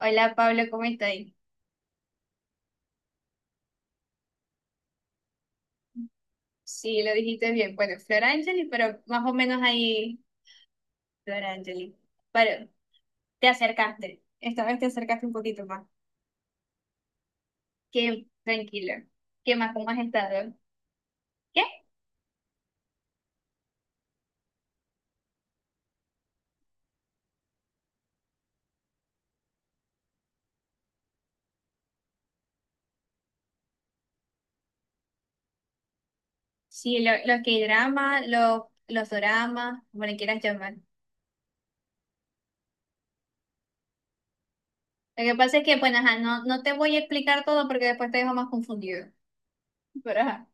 Hola Pablo, ¿cómo estás? Sí, lo dijiste bien. Bueno, Flor Angeli, pero más o menos ahí, Flor Angeli. Pero te acercaste. Esta vez te acercaste un poquito más. Qué tranquilo. ¿Qué más? ¿Cómo has estado? ¿Qué? Sí, los K-dramas, los doramas, como le quieras llamar. Lo que pasa es que, bueno, ajá, no te voy a explicar todo porque después te dejo más confundido. Pero ajá.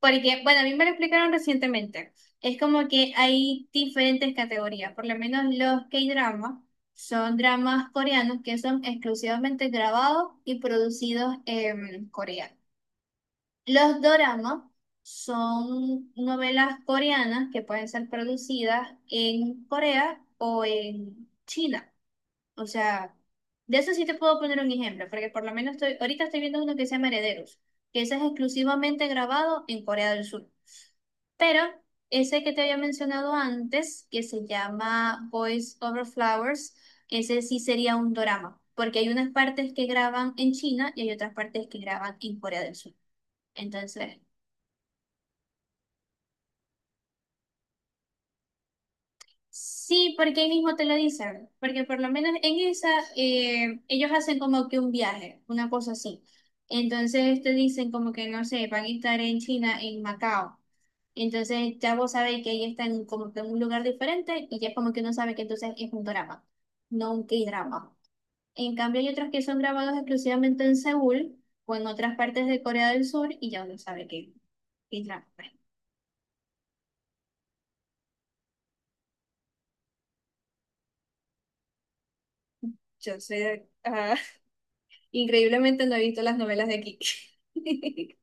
Porque, bueno, a mí me lo explicaron recientemente. Es como que hay diferentes categorías. Por lo menos los K-dramas son dramas coreanos que son exclusivamente grabados y producidos en Corea. Los doramas son novelas coreanas que pueden ser producidas en Corea o en China. O sea, de eso sí te puedo poner un ejemplo, porque por lo menos estoy, ahorita estoy viendo uno que se llama Herederos, que ese es exclusivamente grabado en Corea del Sur. Pero ese que te había mencionado antes, que se llama Boys Over Flowers, ese sí sería un dorama, porque hay unas partes que graban en China y hay otras partes que graban en Corea del Sur. Entonces. Sí, porque ahí mismo te lo dicen, porque por lo menos en esa ellos hacen como que un viaje, una cosa así. Entonces te dicen como que no sé, van a estar en China, en Macao. Entonces ya vos sabés que ahí están como que en un lugar diferente y ya es como que uno sabe que entonces es un drama, no un K-drama. En cambio hay otros que son grabados exclusivamente en Seúl o en otras partes de Corea del Sur y ya uno sabe que es drama. Yo sé, ajá. Increíblemente no he visto las novelas de aquí.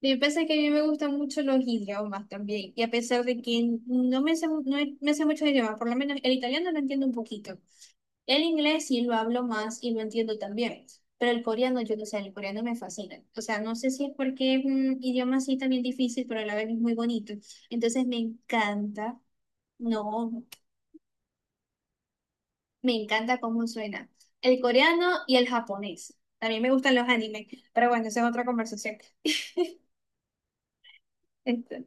Yo pensé que a mí me gustan mucho los idiomas también, y a pesar de que no me sé, no me sé muchos idiomas, por lo menos el italiano lo entiendo un poquito. El inglés sí lo hablo más y lo entiendo también, pero el coreano, yo no sé, el coreano me fascina. O sea, no sé si es porque es un idioma así también difícil, pero a la vez es muy bonito. Entonces me encanta, no, me encanta cómo suena. El coreano y el japonés. También me gustan los animes, pero bueno, esa es otra conversación. Este,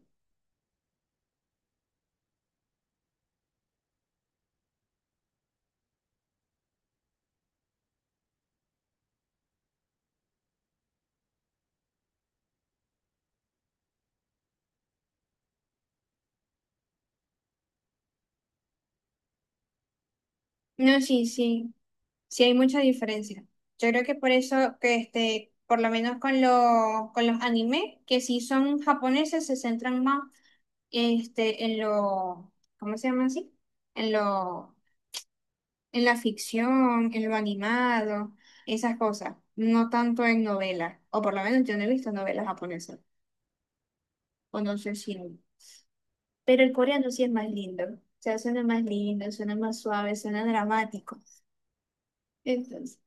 no, sí, sí, sí hay mucha diferencia. Yo creo que por eso que por lo menos con los anime, que sí son japoneses, se centran más en lo, ¿cómo se llama así? En lo, en la ficción, en lo animado, esas cosas, no tanto en novelas, o por lo menos yo no he visto novelas japonesas, o no sé si hay. Pero el coreano sí es más lindo, o sea, suena más lindo, suena más suave, suena dramático. Entonces,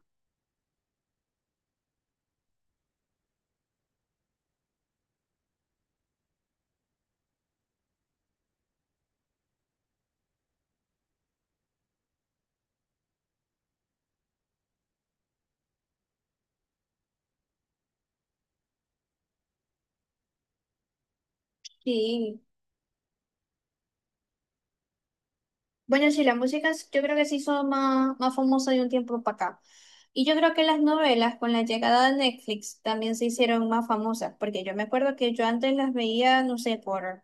sí. Bueno, sí, la música yo creo que se hizo más, más famosa de un tiempo para acá. Y yo creo que las novelas con la llegada de Netflix también se hicieron más famosas, porque yo me acuerdo que yo antes las veía, no sé,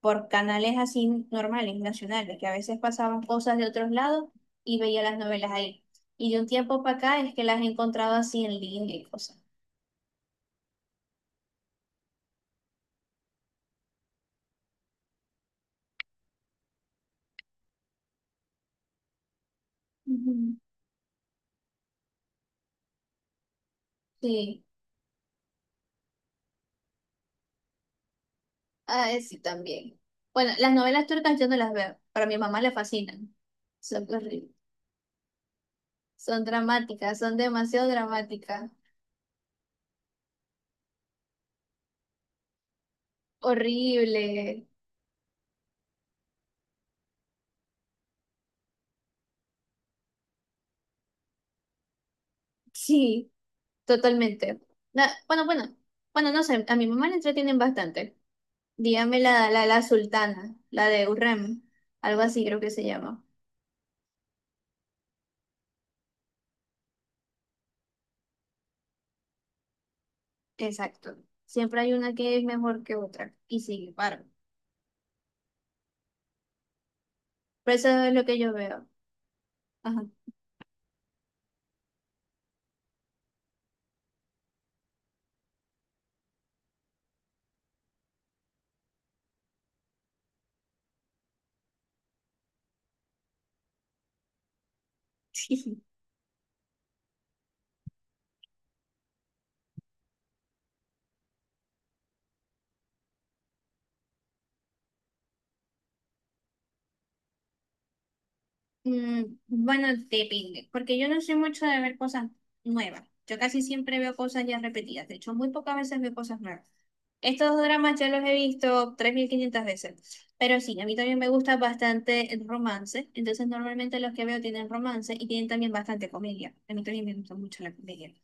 por canales así normales, nacionales, que a veces pasaban cosas de otros lados y veía las novelas ahí. Y de un tiempo para acá es que las he encontrado así en línea y cosas. Ujú. Sí, sí, también. Bueno, las novelas turcas yo no las veo, pero a mi mamá le fascinan. Son dramáticas, son demasiado dramáticas. Horrible. Sí, totalmente. Bueno, bueno, bueno, no sé, a mi mamá le entretienen bastante. Dígame la, la sultana, la de Urrem, algo así creo que se llama. Exacto. Siempre hay una que es mejor que otra y sigue, paro. Pero eso es lo que yo veo. Ajá. Mm, bueno, depende, porque yo no soy mucho de ver cosas nuevas. Yo casi siempre veo cosas ya repetidas. De hecho, muy pocas veces veo cosas nuevas. Estos dramas ya los he visto 3.500 veces, pero sí, a mí también me gusta bastante el romance, entonces normalmente los que veo tienen romance y tienen también bastante comedia, a mí también me gusta mucho la comedia.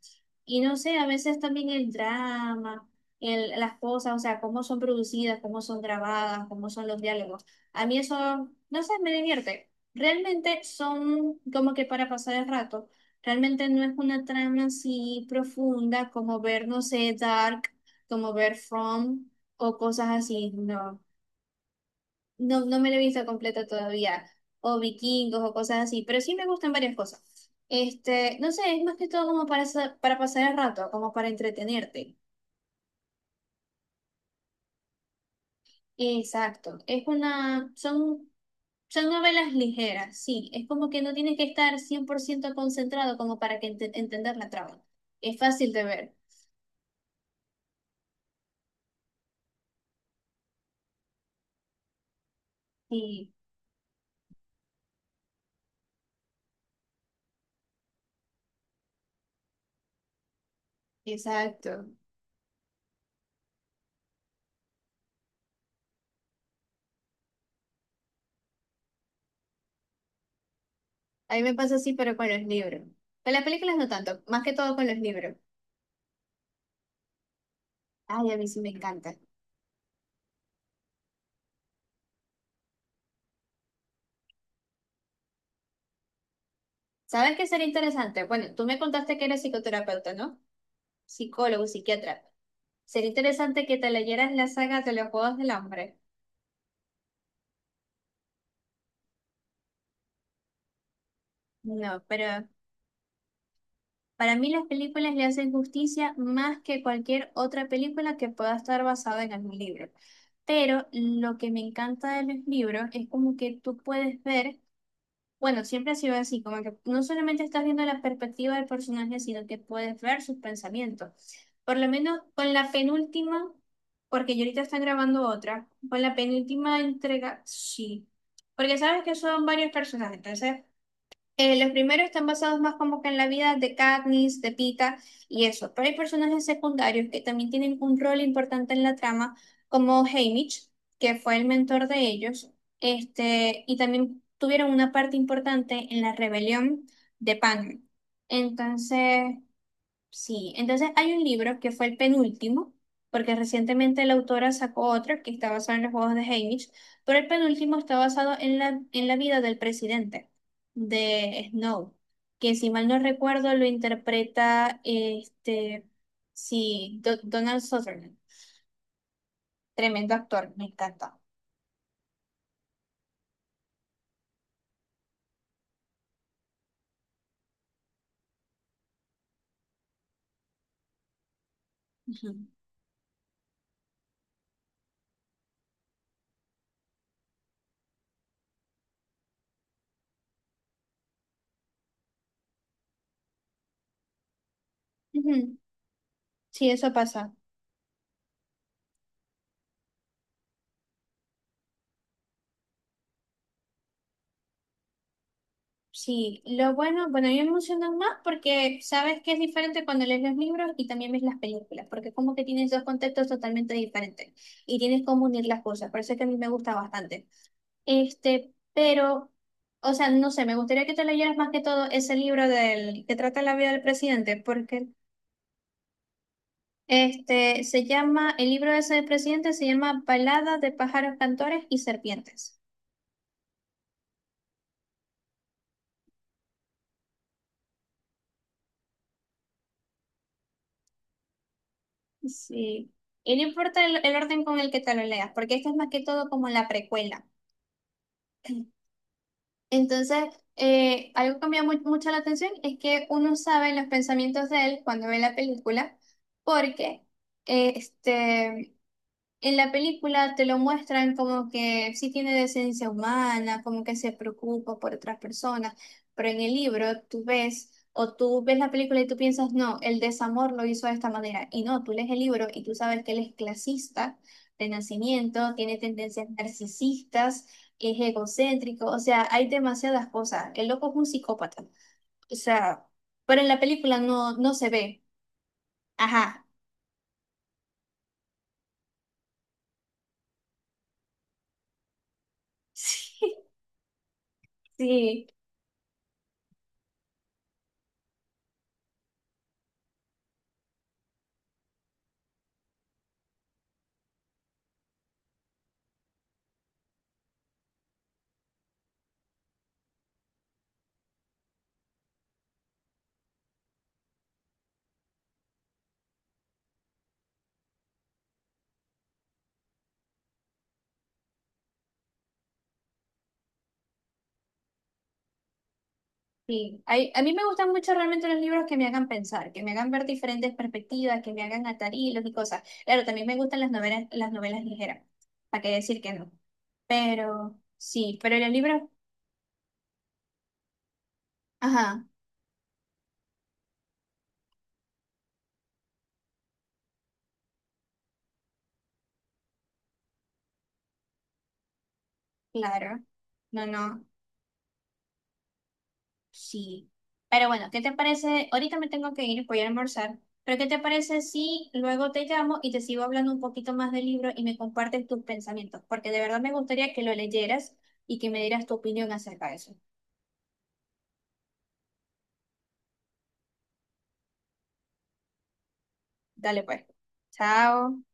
Y no sé, a veces también el drama, el, las cosas, o sea, cómo son producidas, cómo son grabadas, cómo son los diálogos, a mí eso, no sé, me divierte. Realmente son como que para pasar el rato. Realmente no es una trama así profunda como ver, no sé, Dark, como ver From o cosas así, no, no, no me la he visto completa todavía, o vikingos o cosas así, pero sí me gustan varias cosas. Este, no sé, es más que todo como para, para pasar el rato, como para entretenerte. Exacto, son novelas ligeras, sí, es como que no tienes que estar 100% concentrado como para que entender la trama. Es fácil de ver. Sí, exacto. A mí me pasa así, pero con los libros. Con las películas no tanto, más que todo con los libros. Ay, a mí sí me encanta. ¿Sabes qué sería interesante? Bueno, tú me contaste que eres psicoterapeuta, ¿no? Psicólogo, psiquiatra. Sería interesante que te leyeras la saga de los Juegos del Hambre. No, pero para mí las películas le hacen justicia más que cualquier otra película que pueda estar basada en algún libro. Pero lo que me encanta de los libros es como que tú puedes ver, bueno, siempre ha sido así, como que no solamente estás viendo la perspectiva del personaje, sino que puedes ver sus pensamientos. Por lo menos con la penúltima, porque yo ahorita están grabando otra, con la penúltima entrega, sí. Porque sabes que son varios personajes, entonces los primeros están basados más como que en la vida de Katniss, de Pita y eso, pero hay personajes secundarios que también tienen un rol importante en la trama, como Haymitch, que fue el mentor de ellos, y también tuvieron una parte importante en la rebelión de Pan. Entonces. Sí, entonces hay un libro que fue el penúltimo, porque recientemente la autora sacó otro que está basado en los juegos de Haymitch, pero el penúltimo está basado en la vida del presidente de Snow, que si mal no recuerdo lo interpreta este, sí, Donald Sutherland, tremendo actor, me encanta. Ujú. Ujú. Sí, eso pasa. Sí, lo bueno, bueno, a mí me emocionan más porque sabes que es diferente cuando lees los libros y también ves las películas, porque como que tienes dos contextos totalmente diferentes y tienes cómo unir las cosas, por eso es que a mí me gusta bastante. Este, pero, o sea, no sé, me gustaría que te leyeras más que todo ese libro del que trata la vida del presidente, porque este se llama, el libro ese del presidente se llama Balada de pájaros cantores y serpientes. Sí. Y no importa el orden con el que te lo leas, porque esto es más que todo como la precuela. Entonces, algo que me llama mucho la atención es que uno sabe los pensamientos de él cuando ve la película, porque eh, este, en la película te lo muestran como que sí tiene decencia humana, como que se preocupa por otras personas, pero en el libro tú ves o tú ves la película y tú piensas, no, el desamor lo hizo de esta manera. Y no, tú lees el libro y tú sabes que él es clasista de nacimiento, tiene tendencias narcisistas, es egocéntrico, o sea, hay demasiadas cosas. El loco es un psicópata. O sea, pero en la película no, no se ve. Ajá. Sí, sí, a mí me gustan mucho realmente los libros que me hagan pensar, que me hagan ver diferentes perspectivas, que me hagan atar hilos y cosas. Claro, también me gustan las novelas ligeras, ¿para qué decir que no? Pero sí, pero los libros, ajá, claro, no, no, sí. Pero bueno, ¿qué te parece? Ahorita me tengo que ir, voy a almorzar, pero ¿qué te parece si luego te llamo y te sigo hablando un poquito más del libro y me compartes tus pensamientos? Porque de verdad me gustaría que lo leyeras y que me dieras tu opinión acerca de eso. Dale pues. Chao.